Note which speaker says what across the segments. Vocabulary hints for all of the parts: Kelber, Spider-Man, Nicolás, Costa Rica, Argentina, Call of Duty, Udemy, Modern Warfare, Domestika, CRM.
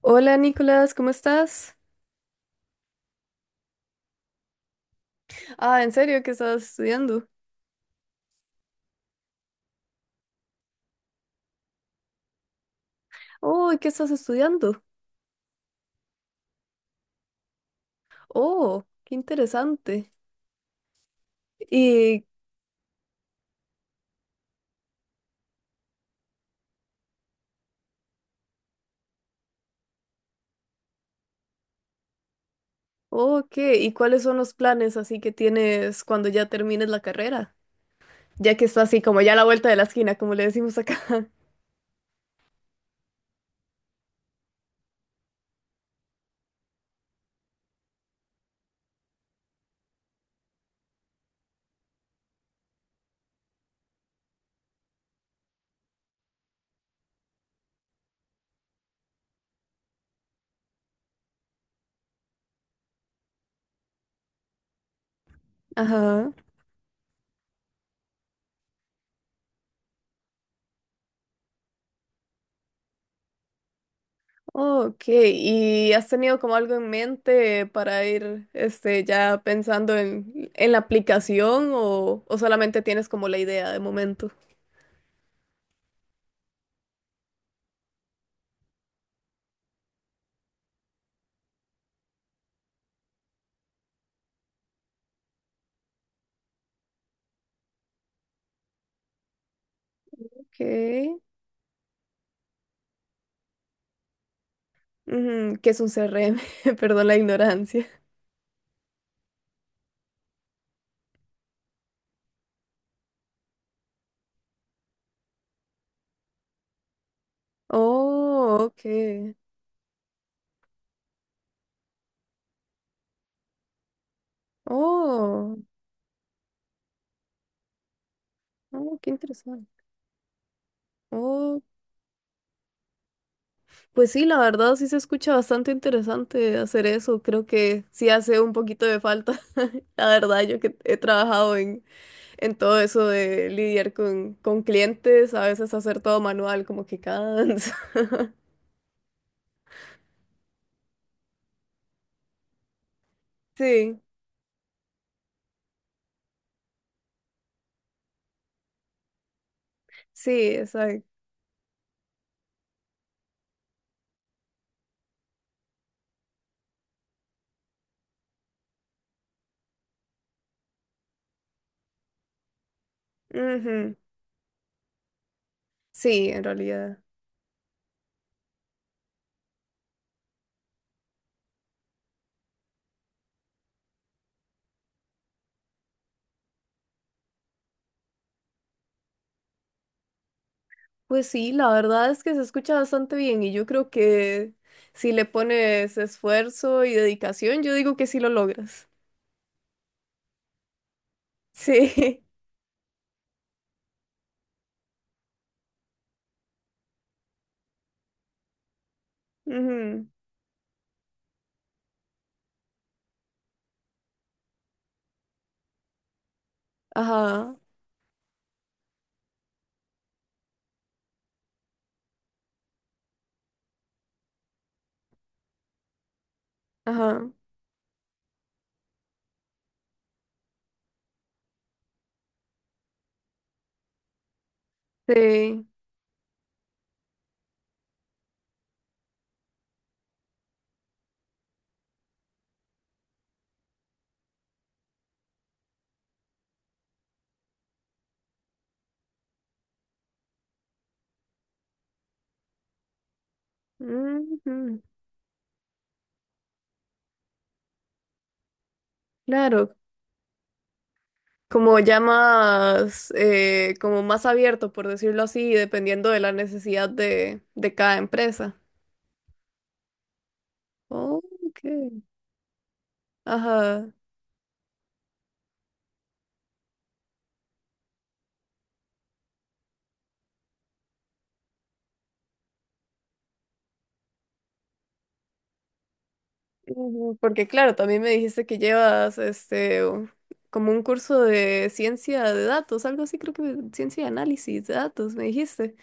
Speaker 1: Hola Nicolás, ¿cómo estás? Ah, ¿en serio qué estás estudiando? Oh, ¿qué estás estudiando? Oh, qué interesante. Y, oh, ¿qué? ¿Y cuáles son los planes así que tienes cuando ya termines la carrera? Ya que está así como ya a la vuelta de la esquina, como le decimos acá. Ajá. Oh, ok. ¿Y has tenido como algo en mente para ir, este, ya pensando en la aplicación o solamente tienes como la idea de momento? Ok. Ujú. ¿Qué es un CRM? Perdón la ignorancia. Oh, ok. Oh, oh, qué interesante. Oh, pues sí, la verdad sí se escucha bastante interesante hacer eso. Creo que sí hace un poquito de falta. La verdad, yo que he trabajado en todo eso de lidiar con clientes, a veces hacer todo manual, como que cansa. Sí, sí, exacto. Ujú. Sí, en realidad. Pues sí, la verdad es que se escucha bastante bien y yo creo que si le pones esfuerzo y dedicación, yo digo que sí lo logras. Sí. Ujú. Ajá, ajá. Sí. Ujú. Claro, como ya más, como más abierto, por decirlo así, dependiendo de la necesidad de cada empresa. Ok. Ajá. Ujú. Porque claro, también me dijiste que llevas como un curso de ciencia de datos, algo así creo que ciencia de análisis de datos, me dijiste.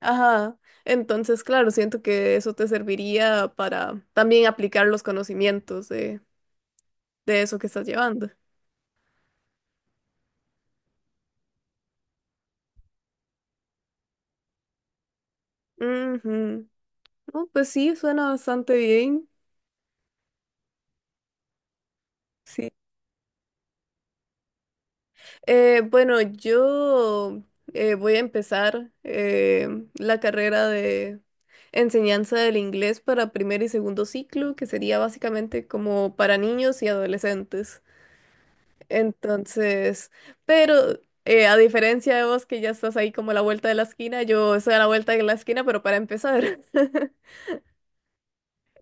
Speaker 1: Ajá. Entonces, claro, siento que eso te serviría para también aplicar los conocimientos de eso que estás llevando. Ujú. No, pues sí, suena bastante bien. Sí, bueno, yo voy a empezar la carrera de enseñanza del inglés para primer y segundo ciclo, que sería básicamente como para niños y adolescentes. Entonces, pero a diferencia de vos que ya estás ahí como a la vuelta de la esquina, yo estoy a la vuelta de la esquina, pero para empezar.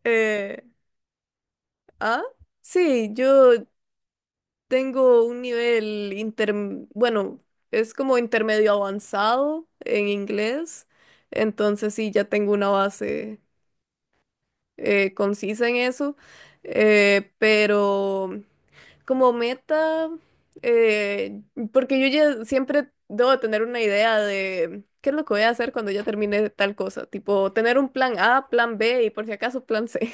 Speaker 1: Eh, ah, sí, yo tengo un nivel bueno, es como intermedio avanzado en inglés, entonces sí, ya tengo una base concisa en eso, pero como meta, eh, porque yo ya siempre debo tener una idea de qué es lo que voy a hacer cuando ya termine tal cosa, tipo tener un plan A, plan B y por si acaso plan C.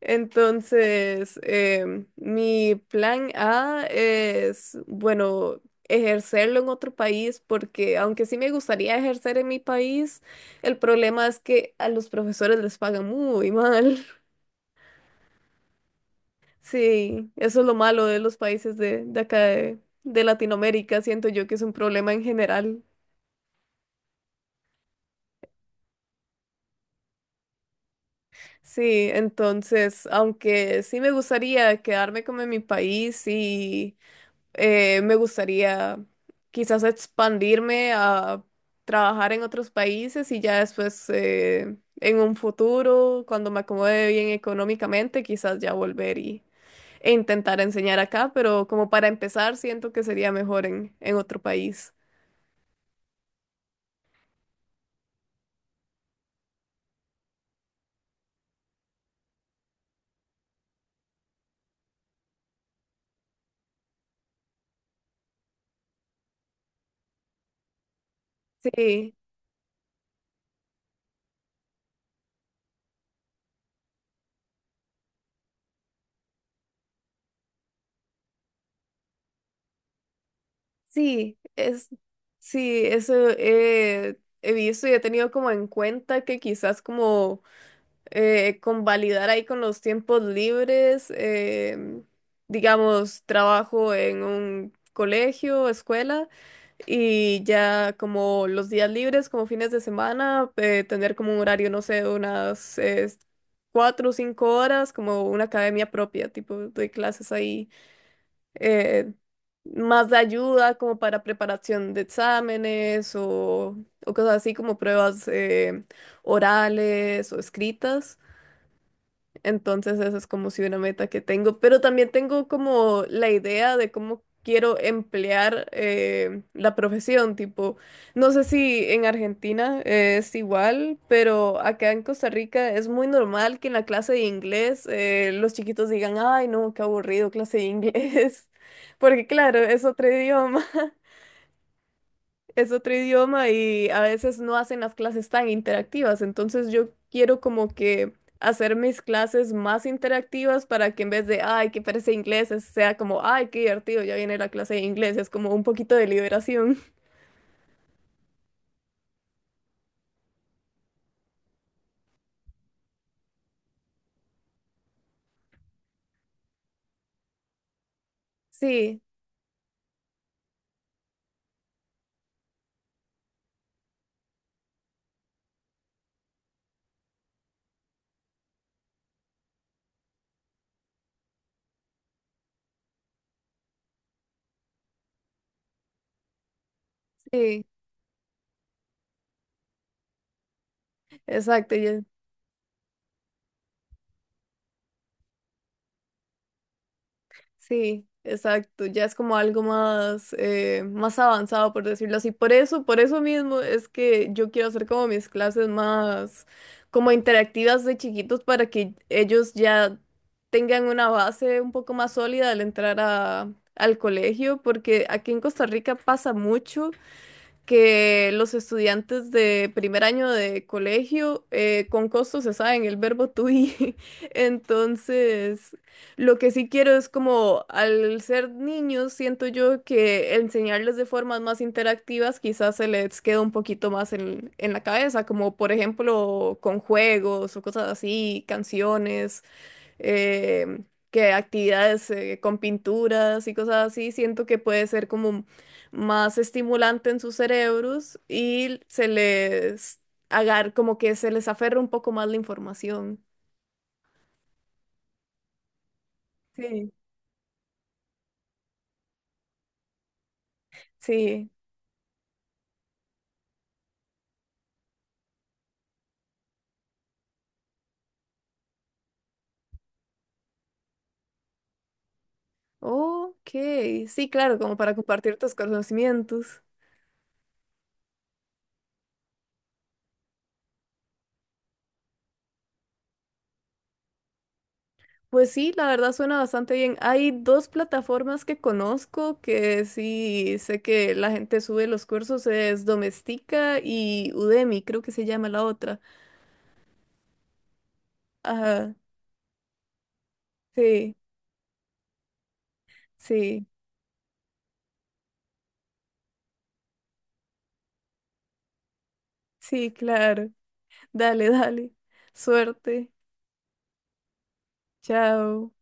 Speaker 1: Entonces, mi plan A es, bueno, ejercerlo en otro país, porque aunque sí me gustaría ejercer en mi país, el problema es que a los profesores les pagan muy mal. Sí, eso es lo malo de los países de acá de Latinoamérica, siento yo que es un problema en general. Sí, entonces, aunque sí me gustaría quedarme como en mi país y me gustaría quizás expandirme a trabajar en otros países y ya después en un futuro, cuando me acomode bien económicamente, quizás ya volver y, e intentar enseñar acá, pero como para empezar siento que sería mejor en otro país. Sí, sí, sí, eso he visto y he tenido como en cuenta que quizás como convalidar ahí con los tiempos libres, digamos, trabajo en un colegio, escuela, y ya como los días libres, como fines de semana, tener como un horario, no sé, unas 4 o 5 horas, como una academia propia, tipo, doy clases ahí, eh, más de ayuda como para preparación de exámenes o cosas así como pruebas orales o escritas. Entonces esa es como si una meta que tengo, pero también tengo como la idea de cómo quiero emplear la profesión, tipo, no sé si en Argentina es igual, pero acá en Costa Rica es muy normal que en la clase de inglés los chiquitos digan, ay, no, qué aburrido clase de inglés, porque claro, es otro idioma y a veces no hacen las clases tan interactivas. Entonces yo quiero como que hacer mis clases más interactivas para que en vez de, ay, qué parece inglés, sea como, ay, qué divertido, ya viene la clase de inglés. Es como un poquito de liberación. Sí, sí, exacto. Sí, exacto, ya es como algo más, más avanzado, por decirlo así. Por eso mismo es que yo quiero hacer como mis clases más como interactivas de chiquitos para que ellos ya tengan una base un poco más sólida al entrar a, al colegio, porque aquí en Costa Rica pasa mucho que los estudiantes de primer año de colegio con costo se saben el verbo to be. Entonces, lo que sí quiero es como al ser niños, siento yo que enseñarles de formas más interactivas quizás se les queda un poquito más en la cabeza, como por ejemplo con juegos o cosas así, canciones eh, que actividades con pinturas y cosas así, siento que puede ser como más estimulante en sus cerebros y se les agar como que se les aferra un poco más la información. Sí. Sí. Ok, sí, claro, como para compartir tus conocimientos. Pues sí, la verdad suena bastante bien. Hay dos plataformas que conozco que sí sé que la gente sube los cursos, es Domestika y Udemy, creo que se llama la otra. Ajá, sí, sí, sí, claro. Dale, dale. Suerte. Chao.